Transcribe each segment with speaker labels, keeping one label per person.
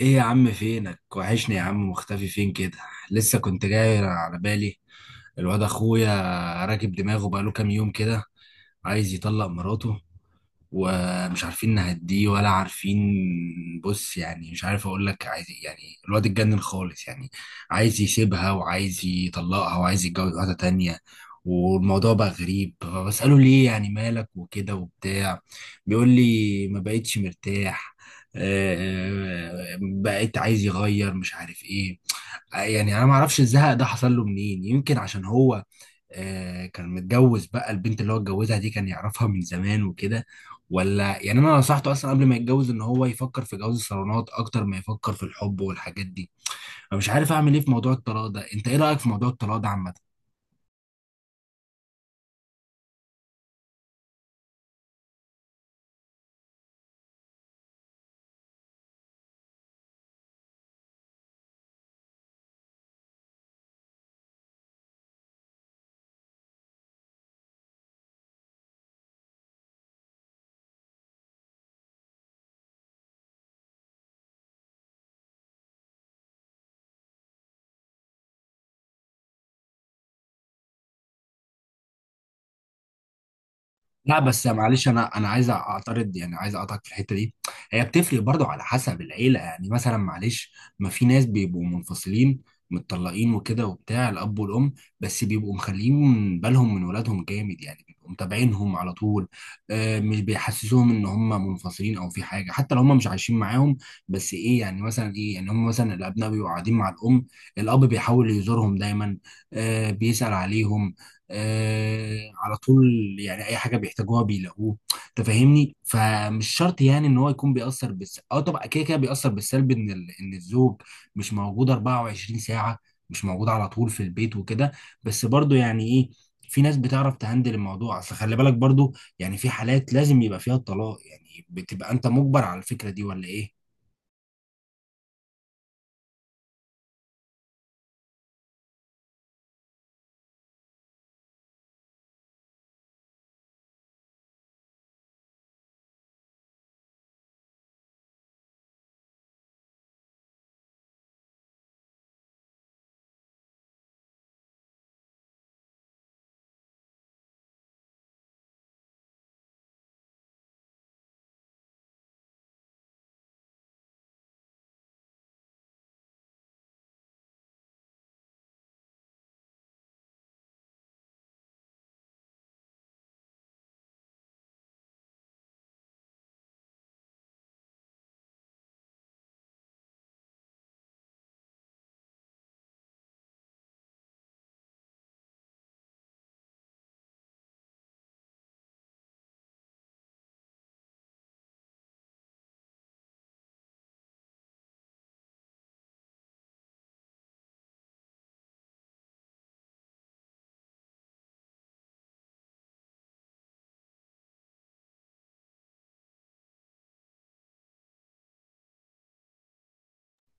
Speaker 1: ايه يا عم؟ فينك، وحشني يا عم. مختفي فين كده؟ لسه كنت جاي على بالي. الواد اخويا راكب دماغه بقاله كام يوم كده، عايز يطلق مراته ومش عارفين نهديه ولا عارفين. بص، يعني مش عارف اقول لك عايز إيه. يعني الواد اتجنن خالص يعني. عايز يسيبها وعايز يطلقها وعايز يتجوز واحدة تانية، والموضوع بقى غريب، فبسأله ليه يعني، مالك وكده وبتاع. بيقول لي ما بقتش مرتاح، بقيت عايز يغير مش عارف ايه. يعني انا ما اعرفش الزهق ده حصل له منين، يمكن عشان هو كان متجوز بقى. البنت اللي هو اتجوزها دي كان يعرفها من زمان وكده. ولا يعني انا نصحته اصلا قبل ما يتجوز ان هو يفكر في جواز الصالونات اكتر ما يفكر في الحب والحاجات دي. فمش عارف اعمل ايه في موضوع الطلاق ده. انت ايه رأيك في موضوع الطلاق ده عامة؟ لا بس معلش انا عايز اعترض، يعني عايز اقطعك في الحته دي. هي بتفرق برضو على حسب العيله، يعني مثلا معلش، ما في ناس بيبقوا منفصلين متطلقين وكده وبتاع، الاب والام، بس بيبقوا مخليين بالهم من ولادهم جامد، يعني بيبقوا متابعينهم على طول. آه، مش بيحسسوهم ان هم منفصلين او في حاجه، حتى لو هم مش عايشين معاهم. بس ايه يعني، مثلا ايه يعني، هم مثلا الابناء بيبقوا قاعدين مع الام، الاب بيحاول يزورهم دايما، آه، بيسال عليهم، آه، على طول. يعني اي حاجه بيحتاجوها بيلاقوه. انت فاهمني؟ فمش شرط يعني ان هو يكون بيأثر بالس اه طبعا كده كده بيأثر بالسلب ان الزوج مش موجود 24 ساعه، مش موجود على طول في البيت وكده. بس برضو يعني ايه، في ناس بتعرف تهندل الموضوع. اصل خلي بالك برضو، يعني في حالات لازم يبقى فيها الطلاق، يعني بتبقى انت مجبر على الفكره دي ولا ايه؟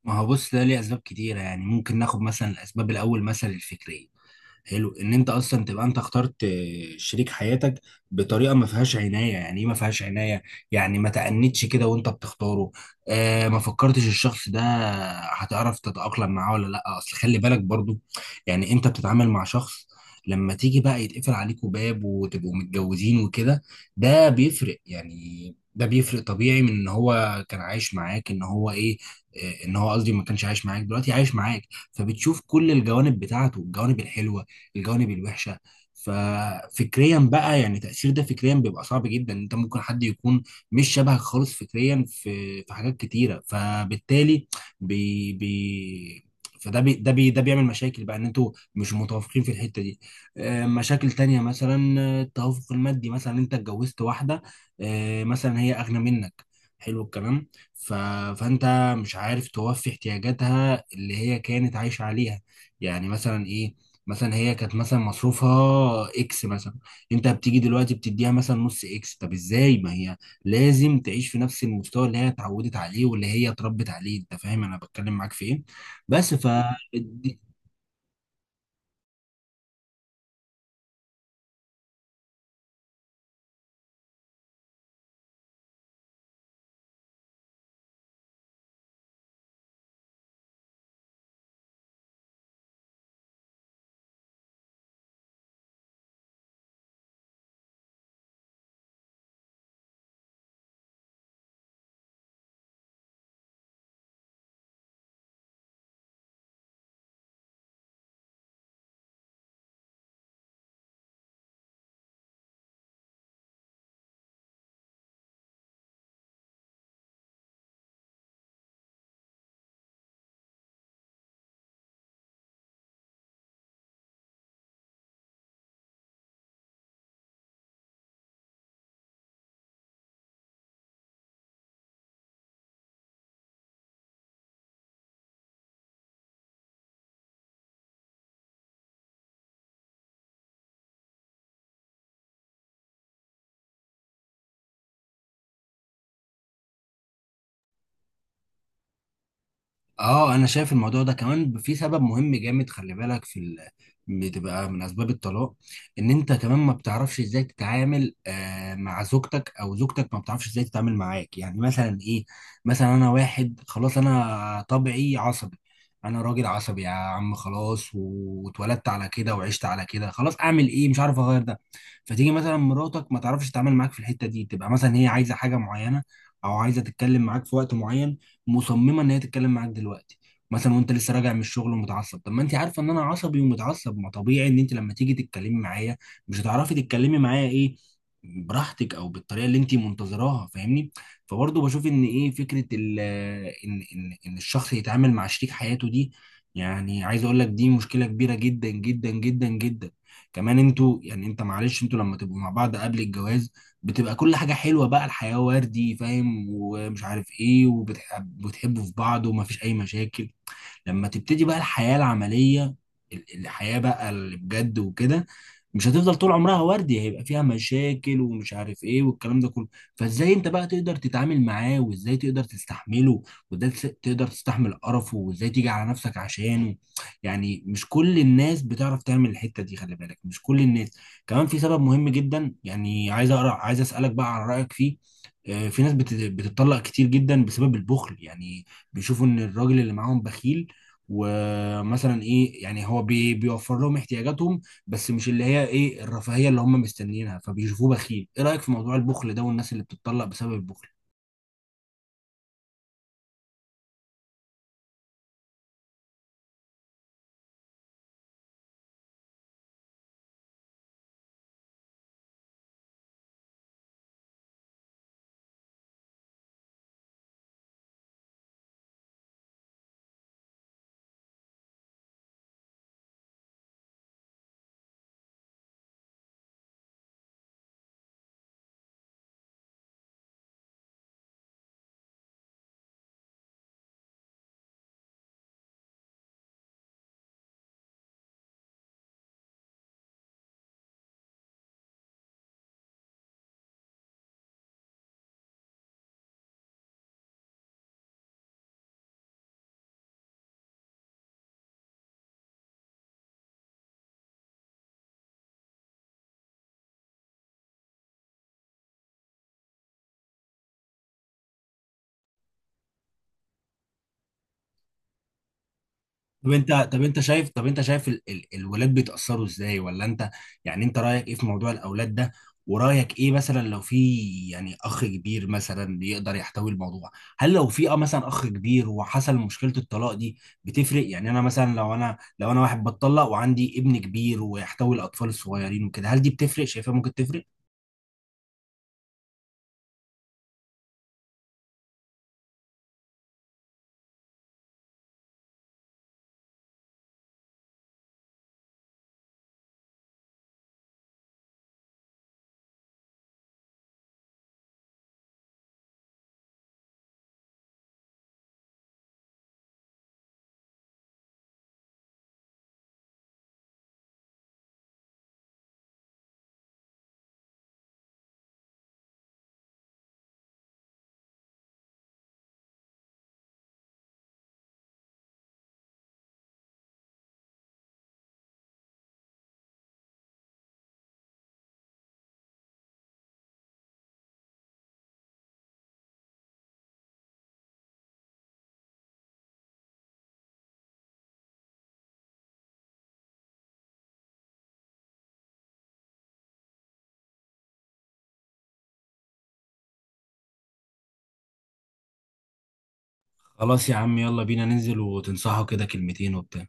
Speaker 1: ما هو بص، ده ليه اسباب كتيره، يعني ممكن ناخد مثلا الاسباب، الاول مثلا الفكريه. حلو، ان انت اصلا تبقى انت اخترت شريك حياتك بطريقه ما فيهاش عنايه. يعني ايه ما فيهاش عنايه؟ يعني ما تأنيتش كده وانت بتختاره، آه، ما فكرتش الشخص ده هتعرف تتأقلم معاه ولا لا. اصل خلي بالك برضو، يعني انت بتتعامل مع شخص، لما تيجي بقى يتقفل عليكوا باب وتبقوا متجوزين وكده، ده بيفرق يعني. ده بيفرق طبيعي من ان هو كان عايش معاك، ان هو ايه، آه، ان هو قصدي ما كانش عايش معاك دلوقتي عايش معاك، فبتشوف كل الجوانب بتاعته، الجوانب الحلوه، الجوانب الوحشه. ففكريا بقى، يعني تأثير ده فكريا بيبقى صعب جدا. انت ممكن حد يكون مش شبهك خالص فكريا في حاجات كتيره، فبالتالي بي بي فده بي ده بي ده بيعمل مشاكل بقى ان انتوا مش متوافقين في الحته دي. آه، مشاكل تانية مثلا، آه، التوافق المادي. مثلا انت اتجوزت واحده، آه، مثلا هي اغنى منك، حلو الكلام. ف... فانت مش عارف توفي احتياجاتها اللي هي كانت عايشه عليها. يعني مثلا ايه؟ مثلا هي كانت مثلا مصروفها اكس مثلا، انت بتيجي دلوقتي بتديها مثلا نص اكس. طب ازاي؟ ما هي لازم تعيش في نفس المستوى اللي هي اتعودت عليه واللي هي اتربت عليه. انت فاهم انا بتكلم معاك في ايه؟ بس ف اه انا شايف الموضوع ده كمان في سبب مهم جامد، خلي بالك بتبقى من اسباب الطلاق ان انت كمان ما بتعرفش ازاي تتعامل مع زوجتك، او زوجتك ما بتعرفش ازاي تتعامل معاك. يعني مثلا ايه؟ مثلا انا واحد خلاص، انا طبعي عصبي، انا راجل عصبي يا عم، خلاص، واتولدت على كده وعشت على كده، خلاص اعمل ايه؟ مش عارف اغير ده. فتيجي مثلا مراتك ما تعرفش تتعامل معاك في الحتة دي، تبقى مثلا هي عايزة حاجة معينة او عايزة تتكلم معاك في وقت معين، مصممه ان هي تتكلم معاك دلوقتي مثلا، وانت لسه راجع من الشغل ومتعصب. طب ما انت عارفه ان انا عصبي ومتعصب، ما طبيعي ان انت لما تيجي تتكلمي معايا مش هتعرفي تتكلمي معايا ايه براحتك، او بالطريقه اللي انت منتظراها، فاهمني؟ فبرضه بشوف ان ايه فكره ان الشخص يتعامل مع شريك حياته دي. يعني عايز اقول لك دي مشكله كبيره جدا جدا جدا جدا. كمان انتوا، يعني انت معلش، انتوا لما تبقوا مع بعض قبل الجواز بتبقى كل حاجة حلوة بقى، الحياة وردي، فاهم، ومش عارف ايه، وبتحب بتحبوا في بعض ومفيش أي مشاكل. لما تبتدي بقى الحياة العملية، الحياة بقى اللي بجد وكده، مش هتفضل طول عمرها وردي، هيبقى فيها مشاكل ومش عارف ايه والكلام ده كله. فازاي انت بقى تقدر تتعامل معاه، وازاي تقدر تستحمله، وازاي تقدر تستحمل قرفه، وازاي تيجي على نفسك عشانه؟ يعني مش كل الناس بتعرف تعمل الحتة دي، خلي بالك مش كل الناس. كمان في سبب مهم جدا، يعني عايز اقرا عايز اسالك بقى عن رايك فيه. آه، في ناس بتتطلق كتير جدا بسبب البخل، يعني بيشوفوا ان الراجل اللي معاهم بخيل، ومثلا ايه يعني هو بيوفر لهم احتياجاتهم، بس مش اللي هي ايه، الرفاهيه اللي هم مستنيينها، فبيشوفوه بخيل. ايه رايك في موضوع البخل ده والناس اللي بتتطلق بسبب البخل؟ طب انت شايف الولاد بيتاثروا ازاي؟ ولا انت، يعني انت رايك ايه في موضوع الاولاد ده، ورايك ايه مثلا لو في يعني اخ كبير مثلا يقدر يحتوي الموضوع؟ هل لو في مثلا اخ كبير وحصل مشكله الطلاق دي بتفرق؟ يعني انا مثلا، لو انا واحد بتطلق وعندي ابن كبير ويحتوي الاطفال الصغيرين وكده، هل دي بتفرق؟ شايفها ممكن تفرق. خلاص يا عم، يلا بينا ننزل وتنصحه كده كلمتين وبتاع.